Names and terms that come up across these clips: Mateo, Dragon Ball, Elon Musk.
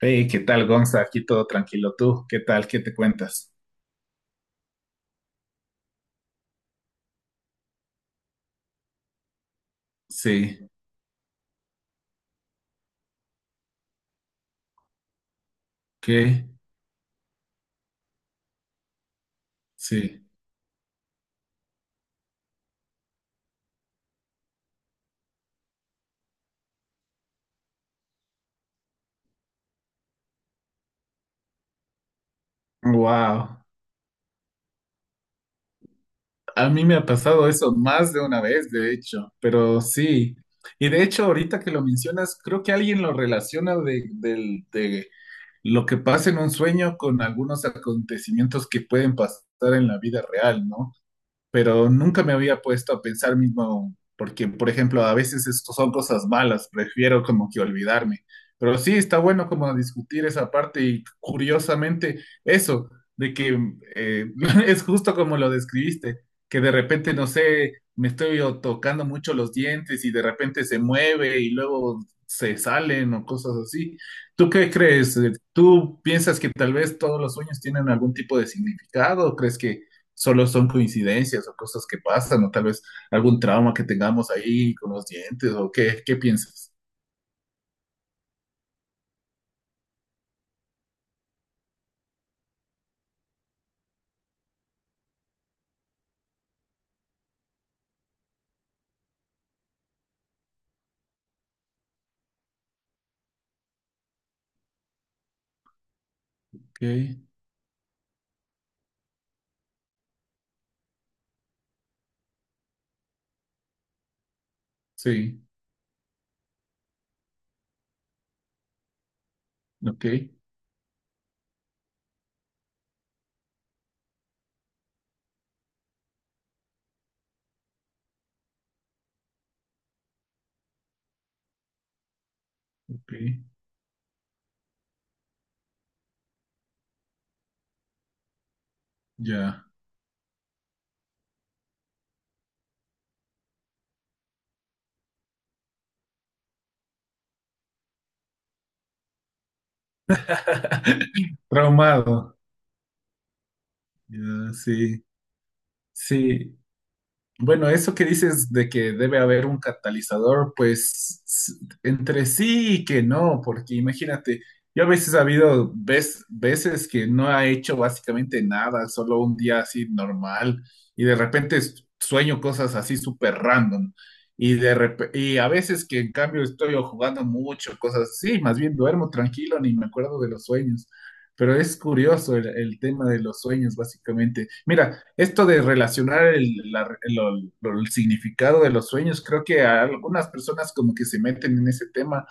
Hey, ¿qué tal, Gonza? Aquí todo tranquilo. ¿Tú qué tal? ¿Qué te cuentas? Sí, ¿qué? Sí. Wow. A mí me ha pasado eso más de una vez, de hecho, pero sí. Y de hecho, ahorita que lo mencionas, creo que alguien lo relaciona de lo que pasa en un sueño con algunos acontecimientos que pueden pasar en la vida real, ¿no? Pero nunca me había puesto a pensar mismo, porque, por ejemplo, a veces esto son cosas malas, prefiero como que olvidarme. Pero sí, está bueno como discutir esa parte y curiosamente eso, de que eh, es justo como lo describiste, que de repente, no sé, me estoy o tocando mucho los dientes y de repente se mueve y luego se salen o cosas así. ¿Tú qué crees? ¿Tú piensas que tal vez todos los sueños tienen algún tipo de significado? ¿O crees que solo son coincidencias o cosas que pasan, o tal vez algún trauma que tengamos ahí con los dientes, o qué, ¿qué piensas? Ok, sí, ok, ok, ya. Traumado, ya, sí, sí. Bueno, eso que dices de que debe haber un catalizador, pues entre sí y que no, porque imagínate, yo a veces ha habido veces que no ha hecho básicamente nada, solo un día así normal, y de repente sueño cosas así súper random, y, y a veces que en cambio estoy o jugando mucho, cosas así, más bien duermo tranquilo, ni me acuerdo de los sueños. Pero es curioso el tema de los sueños, básicamente. Mira, esto de relacionar el, la- lo- el significado de los sueños, creo que a algunas personas como que se meten en ese tema.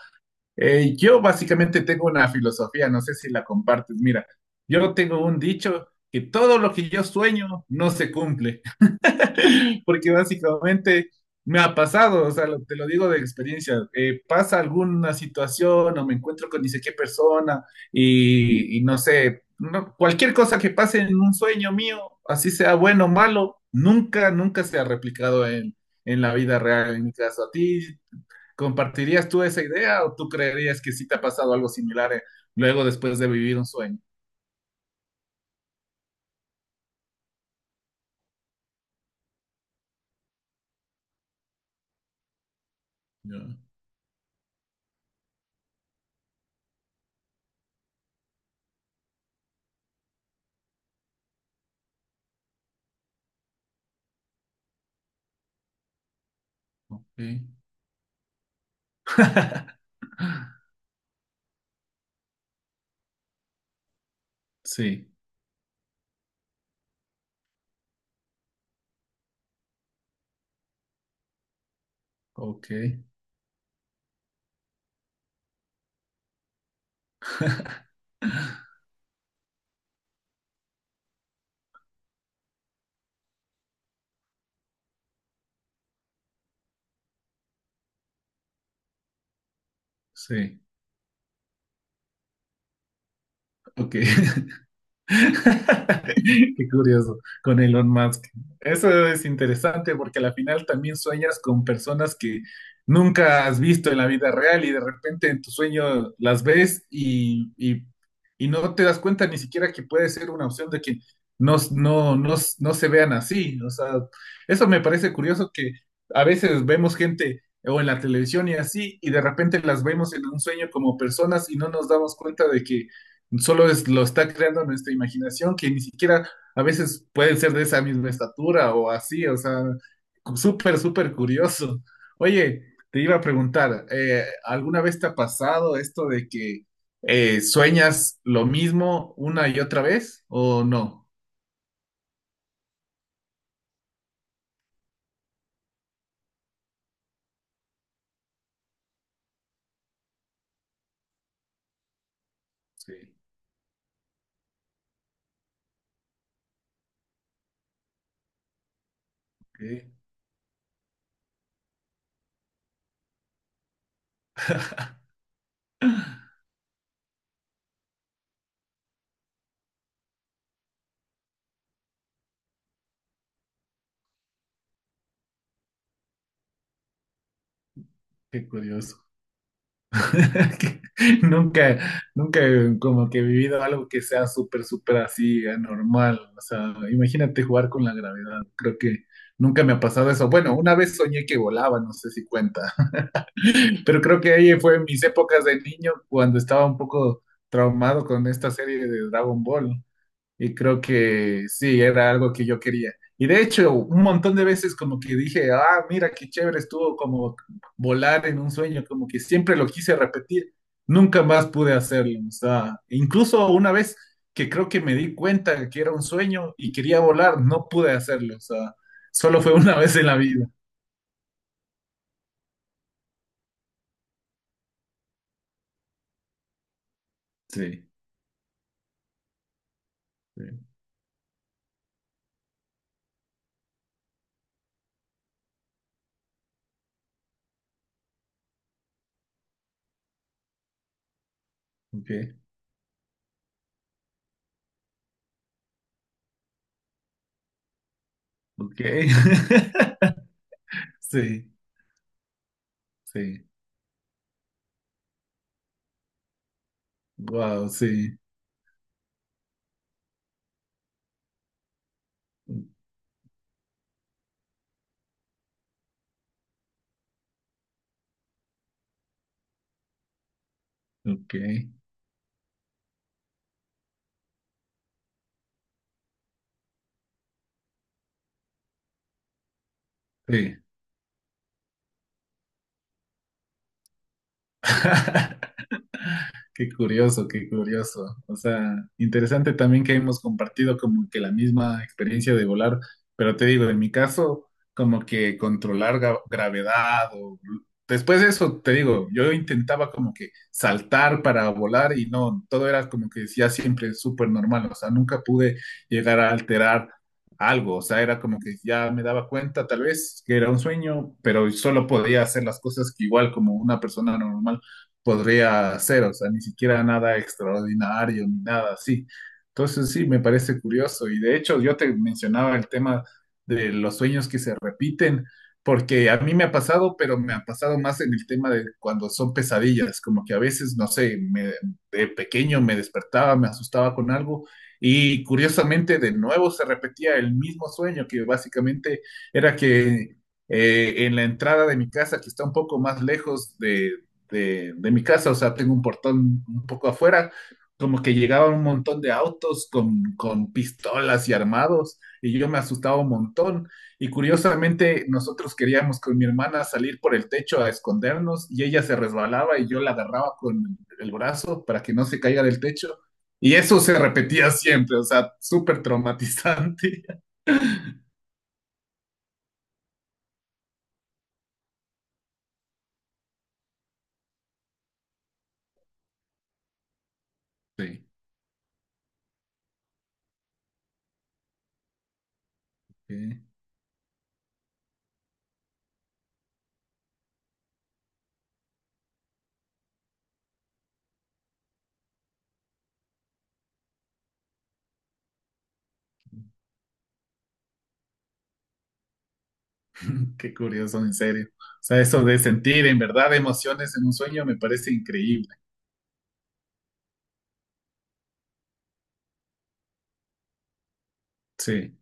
Yo básicamente tengo una filosofía, no sé si la compartes. Mira, yo tengo un dicho que todo lo que yo sueño no se cumple. Porque básicamente me ha pasado, o sea, te lo digo de experiencia, pasa alguna situación o me encuentro con ni sé qué persona y, no sé, cualquier cosa que pase en un sueño mío, así sea bueno o malo, nunca, nunca se ha replicado en, la vida real, en mi caso. ¿A ti compartirías tú esa idea o tú creerías que sí te ha pasado algo similar luego después de vivir un sueño? Ya, ok. Sí, ok, sí. Ok. Qué curioso, con Elon Musk. Eso es interesante porque a la final también sueñas con personas que nunca has visto en la vida real y de repente en tu sueño las ves y, no te das cuenta ni siquiera que puede ser una opción de que no, no, no, no se vean así. O sea, eso me parece curioso que a veces vemos gente o en la televisión y así y de repente las vemos en un sueño como personas y no nos damos cuenta de que solo es, lo está creando nuestra imaginación, que ni siquiera a veces pueden ser de esa misma estatura o así, o sea, súper, súper curioso. Oye, te iba a preguntar, ¿alguna vez te ha pasado esto de que sueñas lo mismo una y otra vez o no? Sí, qué, qué curioso. Que Nunca, nunca como que he vivido algo que sea súper, súper así, anormal. O sea, imagínate jugar con la gravedad. Creo que nunca me ha pasado eso. Bueno, una vez soñé que volaba, no sé si cuenta, pero creo que ahí fue en mis épocas de niño cuando estaba un poco traumado con esta serie de Dragon Ball. Y creo que sí, era algo que yo quería. Y de hecho, un montón de veces como que dije, ah, mira qué chévere estuvo como volar en un sueño, como que siempre lo quise repetir. Nunca más pude hacerlo. O sea, incluso una vez que creo que me di cuenta que era un sueño y quería volar, no pude hacerlo. O sea, solo fue una vez en la vida. Sí, sí, ok, ok. Sí, sí, wow, sí, ok, sí. Qué curioso, qué curioso. O sea, interesante también que hemos compartido como que la misma experiencia de volar, pero te digo, en mi caso, como que controlar gravedad o... Después de eso, te digo, yo intentaba como que saltar para volar y no, todo era como que ya siempre súper normal, o sea, nunca pude llegar a alterar algo, o sea, era como que ya me daba cuenta tal vez que era un sueño, pero solo podía hacer las cosas que igual como una persona normal podría hacer, o sea, ni siquiera nada extraordinario ni nada así. Entonces sí, me parece curioso y de hecho yo te mencionaba el tema de los sueños que se repiten, porque a mí me ha pasado, pero me ha pasado más en el tema de cuando son pesadillas, como que a veces, no sé, de pequeño me despertaba, me asustaba con algo y curiosamente de nuevo se repetía el mismo sueño que básicamente era que en la entrada de mi casa, que está un poco más lejos de mi casa, o sea, tengo un portón un poco afuera, como que llegaban un montón de autos con pistolas y armados, y yo me asustaba un montón. Y curiosamente, nosotros queríamos con mi hermana salir por el techo a escondernos, y ella se resbalaba y yo la agarraba con el brazo para que no se caiga del techo. Y eso se repetía siempre, o sea, súper traumatizante. Sí, sí, qué curioso, en serio. O sea, eso de sentir en verdad emociones en un sueño me parece increíble. Sí.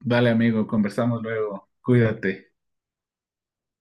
Vale, amigo, conversamos luego. Cuídate.